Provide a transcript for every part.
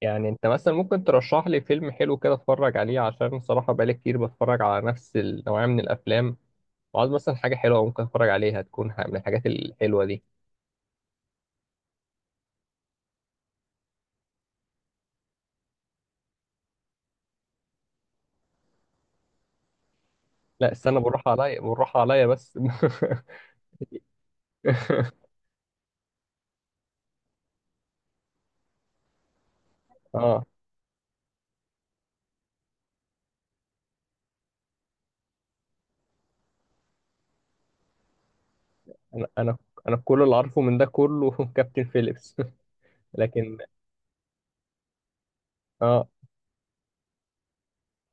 يعني انت مثلا ممكن ترشح لي فيلم حلو كده اتفرج عليه، عشان الصراحة بقالي كتير بتفرج على نفس النوعية من الافلام، وعاوز مثلا حاجة حلوة ممكن اتفرج عليها، تكون من الحاجات الحلوة دي. لا استنى، بالراحة عليا بالراحة عليا بس. اه، انا انا انا كل اللي عارفه من ده كله كابتن فيليبس. لكن. اه،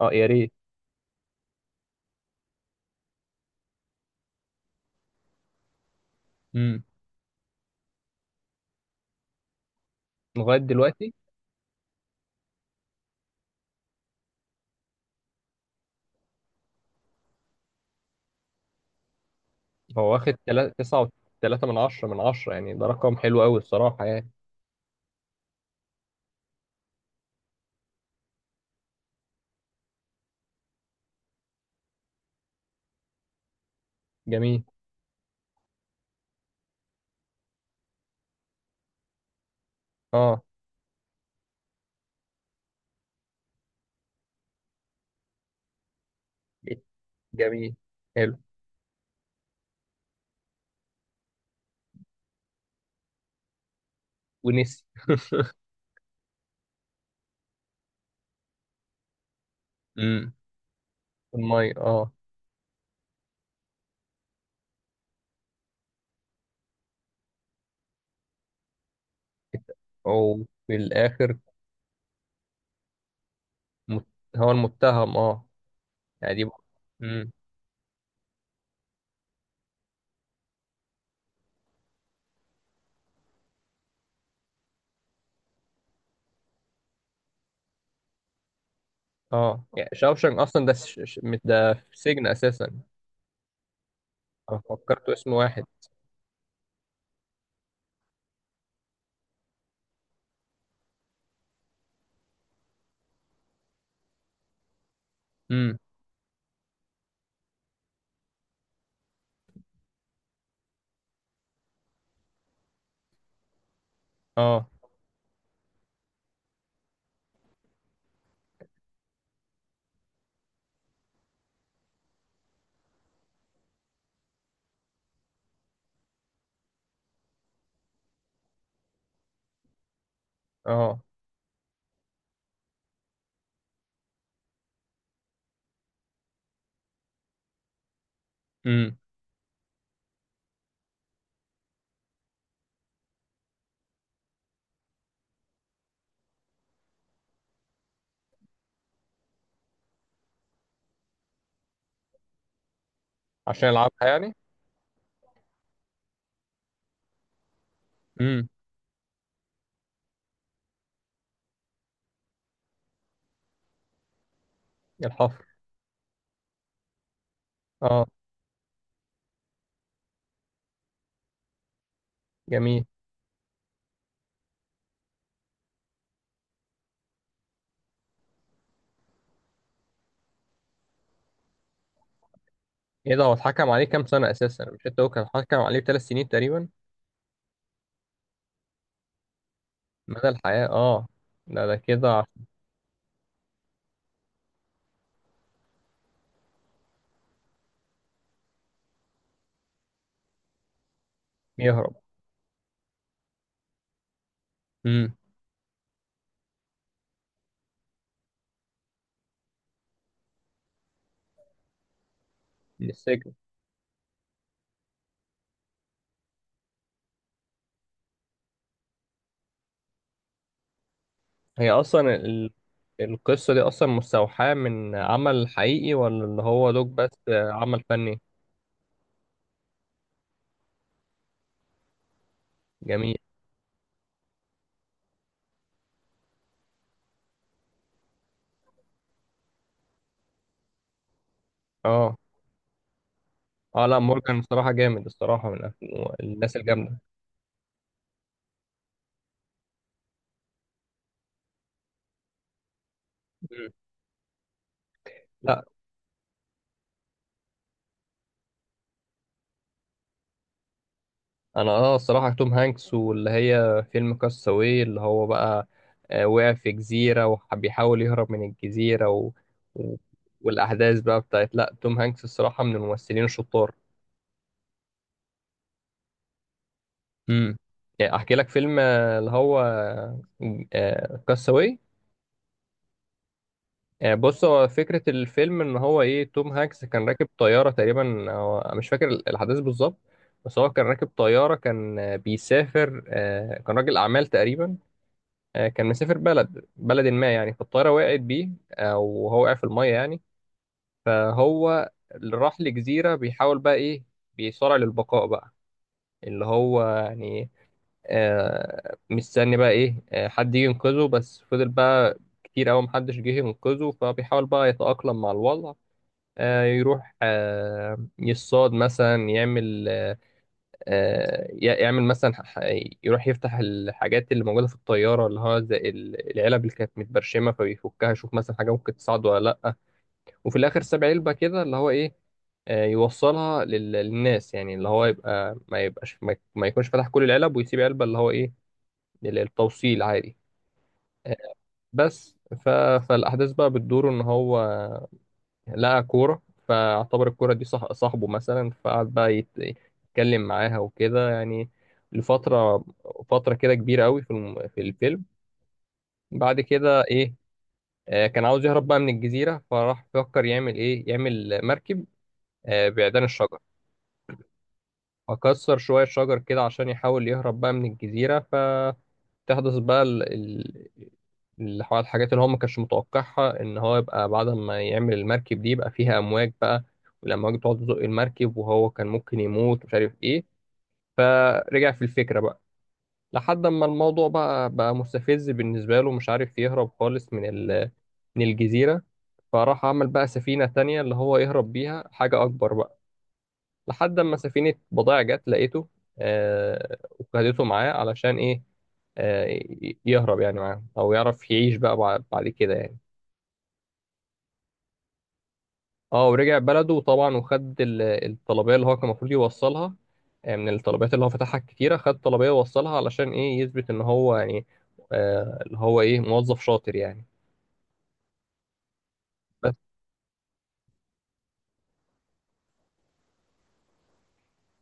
اه يا ريت. امم. لغاية دلوقتي. هو واخد 9.3 من 10 . يعني ده رقم حلو قوي الصراحة يعني. جميل. اه. جميل. حلو. ونسي. امم. المية، اه. وفي الآخر مت... هو المتهم، اه يعني دي. امم. اه يعني شاوشنج أصلا ده ده في سجن أساسا. أنا فكرته اسم واحد. امم. اه. اه. امم. عشان يلعبها يعني. امم. الحفر. اه. جميل. ايه ده، هو اتحكم عليه كام سنة أساسا؟ مش انت هو كان اتحكم عليه بـ3 سنين تقريبا؟ مدى الحياة، اه. ده كده عشان يهرب. امم. من السجن. هي اصلا القصة دي اصلا مستوحاة من عمل حقيقي ولا اللي هو دوك، بس عمل فني؟ جميل. اه. اه لا، مورجان الصراحة جامد الصراحة، من الناس الجامدة. مم. لا انا اه الصراحة توم هانكس، واللي هي فيلم كاستاوي اللي هو بقى وقع في جزيرة، وبيحاول يهرب من الجزيرة و... والاحداث بقى بتاعت، لا توم هانكس الصراحة من الممثلين الشطار. امم. احكي لك فيلم اللي هو كاستاوي. يعني بص، هو فكرة الفيلم إن هو إيه، توم هانكس كان راكب طيارة تقريبا، هو مش فاكر الأحداث بالظبط، بس هو كان راكب طيارة، كان بيسافر، كان راجل أعمال تقريبا، كان مسافر بلد بلد ما يعني، فالطيارة وقعت بيه، وهو وقع في المية يعني. فهو اللي راح لجزيرة بيحاول بقى إيه، بيصارع للبقاء بقى، اللي هو يعني مستني بقى إيه حد يجي ينقذه، بس فضل بقى كتير أوي محدش جه ينقذه، فبيحاول بقى يتأقلم مع الوضع. يروح يصطاد مثلا، يعمل مثلا يروح يفتح الحاجات اللي موجودة في الطيارة، اللي هو زي العلب اللي كانت متبرشمة، فبيفكها يشوف مثلا حاجة ممكن تصعد ولا لأ. وفي الآخر ساب علبة كده اللي هو إيه، يوصلها للناس يعني، اللي هو يبقى ما يبقاش ما يكونش فتح كل العلب، ويسيب علبة اللي هو إيه، للتوصيل عادي. آه، بس فالأحداث بقى بتدور إن هو لقى كورة، فاعتبر الكورة دي صح صاحبه مثلا، فقعد بقى يتكلم معاها وكده يعني، لفترة، فترة كده كبيرة قوي في في الفيلم. بعد كده إيه، كان عاوز يهرب بقى من الجزيرة، فراح فكر يعمل إيه، يعمل مركب بعيدان الشجر، اكسر شوية شجر كده عشان يحاول يهرب بقى من الجزيرة. فتحدث بقى اللي هو الحاجات اللي هو ما كانش متوقعها، ان هو يبقى بعد ما يعمل المركب دي يبقى فيها امواج بقى، والامواج بتقعد تزق المركب وهو كان ممكن يموت ومش عارف ايه، فرجع في الفكرة بقى. لحد ما الموضوع بقى مستفز بالنسبة له، مش عارف يهرب خالص من من الجزيرة. فراح عمل بقى سفينة تانية اللي هو يهرب بيها، حاجة أكبر بقى، لحد ما سفينة بضائع جت لقيته. آه وخدته معاه علشان إيه، آه يهرب يعني معاهم، أو يعرف يعيش بقى بعد كده يعني. اه ورجع بلده طبعا وخد الطلبية اللي هو كان المفروض يوصلها، من الطلبيات اللي هو فتحها كتيرة، خد طلبية ووصلها علشان إيه، يثبت إن هو يعني آه اللي هو إيه موظف شاطر يعني. بس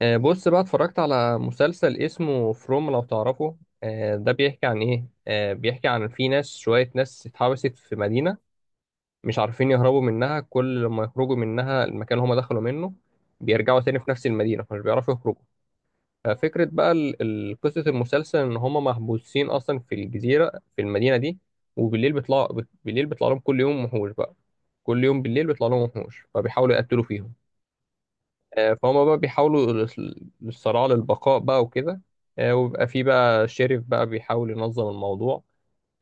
بص بقى، اتفرجت على مسلسل اسمه فروم، لو تعرفه. ده بيحكي عن ايه، بيحكي عن في ناس، شوية ناس اتحبست في مدينة، مش عارفين يهربوا منها، كل لما يخرجوا منها المكان اللي هم دخلوا منه بيرجعوا تاني في نفس المدينة، فمش بيعرفوا يخرجوا. ففكرة بقى قصة المسلسل إن هم محبوسين أصلا في الجزيرة، في المدينة دي. وبالليل بيطلع، بالليل بيطلع لهم كل يوم وحوش بقى، كل يوم بالليل بيطلع لهم وحوش، فبيحاولوا يقتلوا فيهم. فهم بقى بيحاولوا للصراع للبقاء بقى وكده. وبيبقى في بقى شريف بقى بيحاول ينظم الموضوع،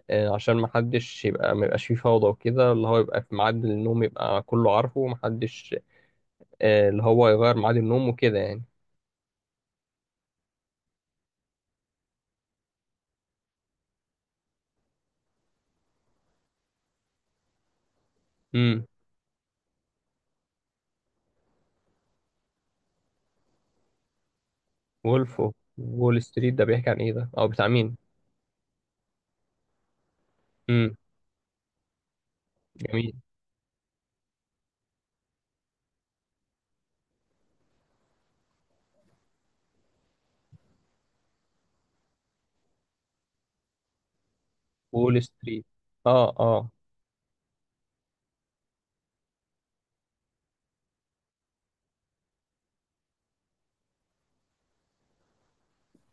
عشان محدش يبقى ما يبقاش فيه فوضى وكده، اللي هو يبقى في ميعاد النوم يبقى كله عارفه ومحدش اللي هو يغير ميعاد النوم وكده يعني. امم. وولف أوف وول ستريت ده بيحكي عن ايه، ده اه بتاع مين؟ امم. جميل. وول ستريت. اه. اه.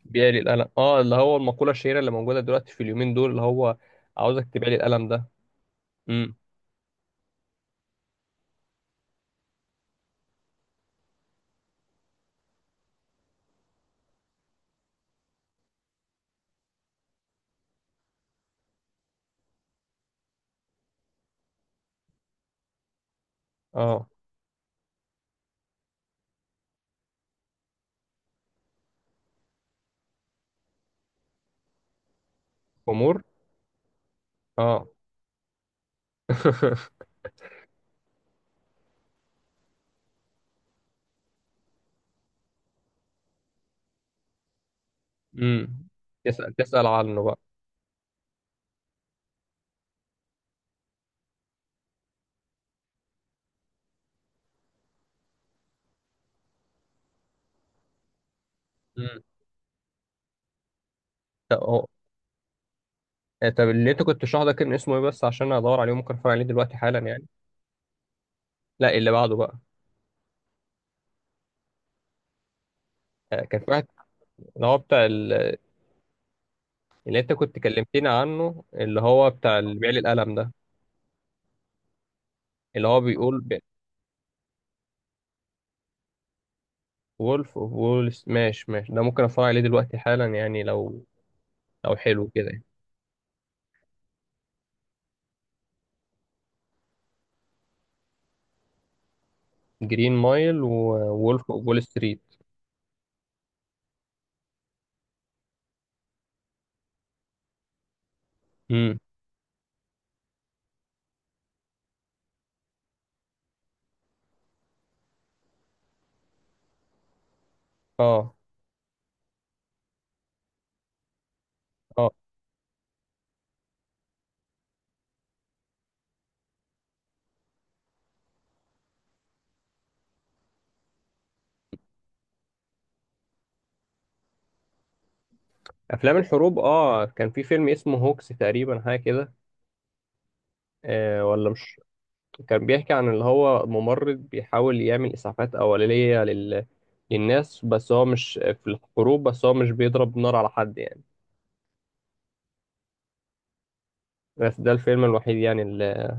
بيعلي القلم، اه اللي هو المقولة الشهيرة اللي موجودة دلوقتي في اليومين دول اللي هو عاوزك تبيعلي القلم ده. امم. اه. امور. اه. امم. تسأل عنه بقى. امم. طب اللي انت كنت شرحه ده كان اسمه ايه بس، عشان ادور عليه ممكن اتفرج عليه دلوقتي حالا يعني. لا اللي بعده بقى. كان في واحد اللي هو بتاع اللي انت كنت كلمتني عنه، اللي هو بتاع اللي بيعلي القلم ده. اللي هو بيقول وولف اوف ماشي ماشي، ده ممكن اتفرج عليه دلوقتي حالا يعني لو، لو حلو كده. جرين مايل، وولف اوف وول ستريت. امم. اه. اه. افلام الحروب، اه كان في فيلم اسمه هوكس تقريبا حاجه كده. آه ولا مش. كان بيحكي عن اللي هو ممرض بيحاول يعمل إسعافات أولية للناس، بس هو مش في الحروب، بس هو مش بيضرب نار على حد يعني. بس ده الفيلم الوحيد يعني، اللي،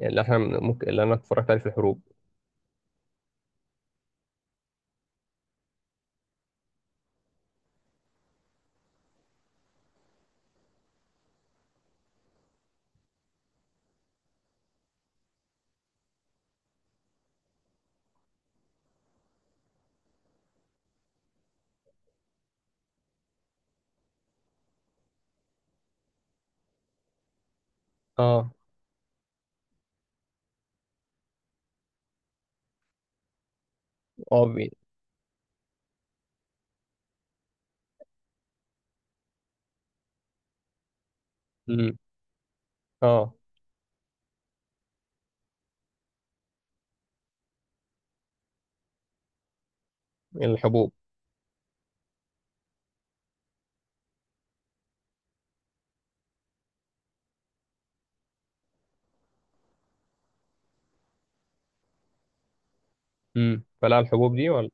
اللي احنا ممكن اللي انا اتفرجت عليه في الحروب. اه. اه. مم. اه. الحبوب. مم. فلا الحبوب دي ولا.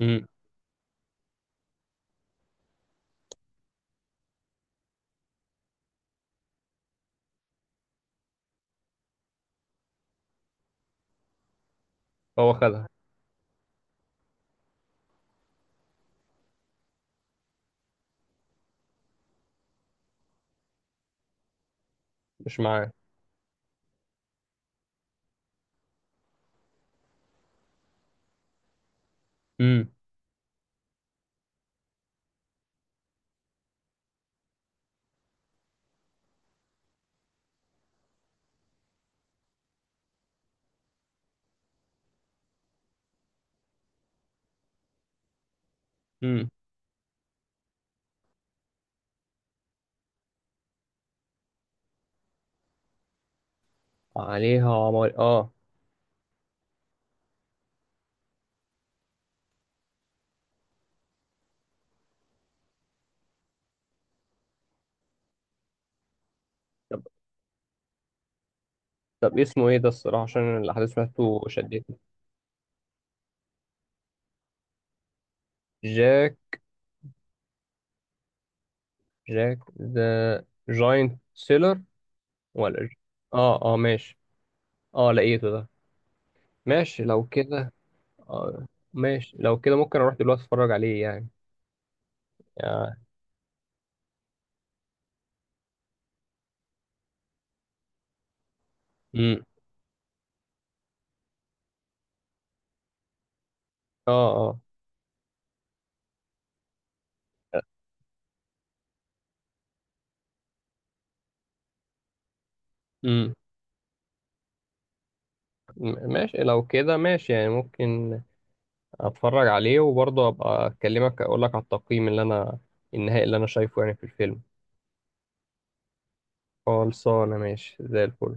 مم. هو خدها. مش معاه. مم. مم. عليها عمار، اه. طب طب اسمه ايه ده الصراحة عشان الأحداث بتاعته شدتني؟ جاك. جاك ذا جاينت سيلر، ولا إيه؟ اه اه ماشي. اه لقيته ده. ماشي لو كده. آه. ماشي لو كده، ممكن اروح دلوقتي اتفرج عليه يعني. آه. امم. اه. اه. امم. ماشي لو كده، ماشي يعني. ممكن اتفرج عليه وبرضه ابقى اكلمك، اقول لك على التقييم اللي انا، النهائي اللي انا شايفه يعني في الفيلم. خلصانه ماشي زي الفل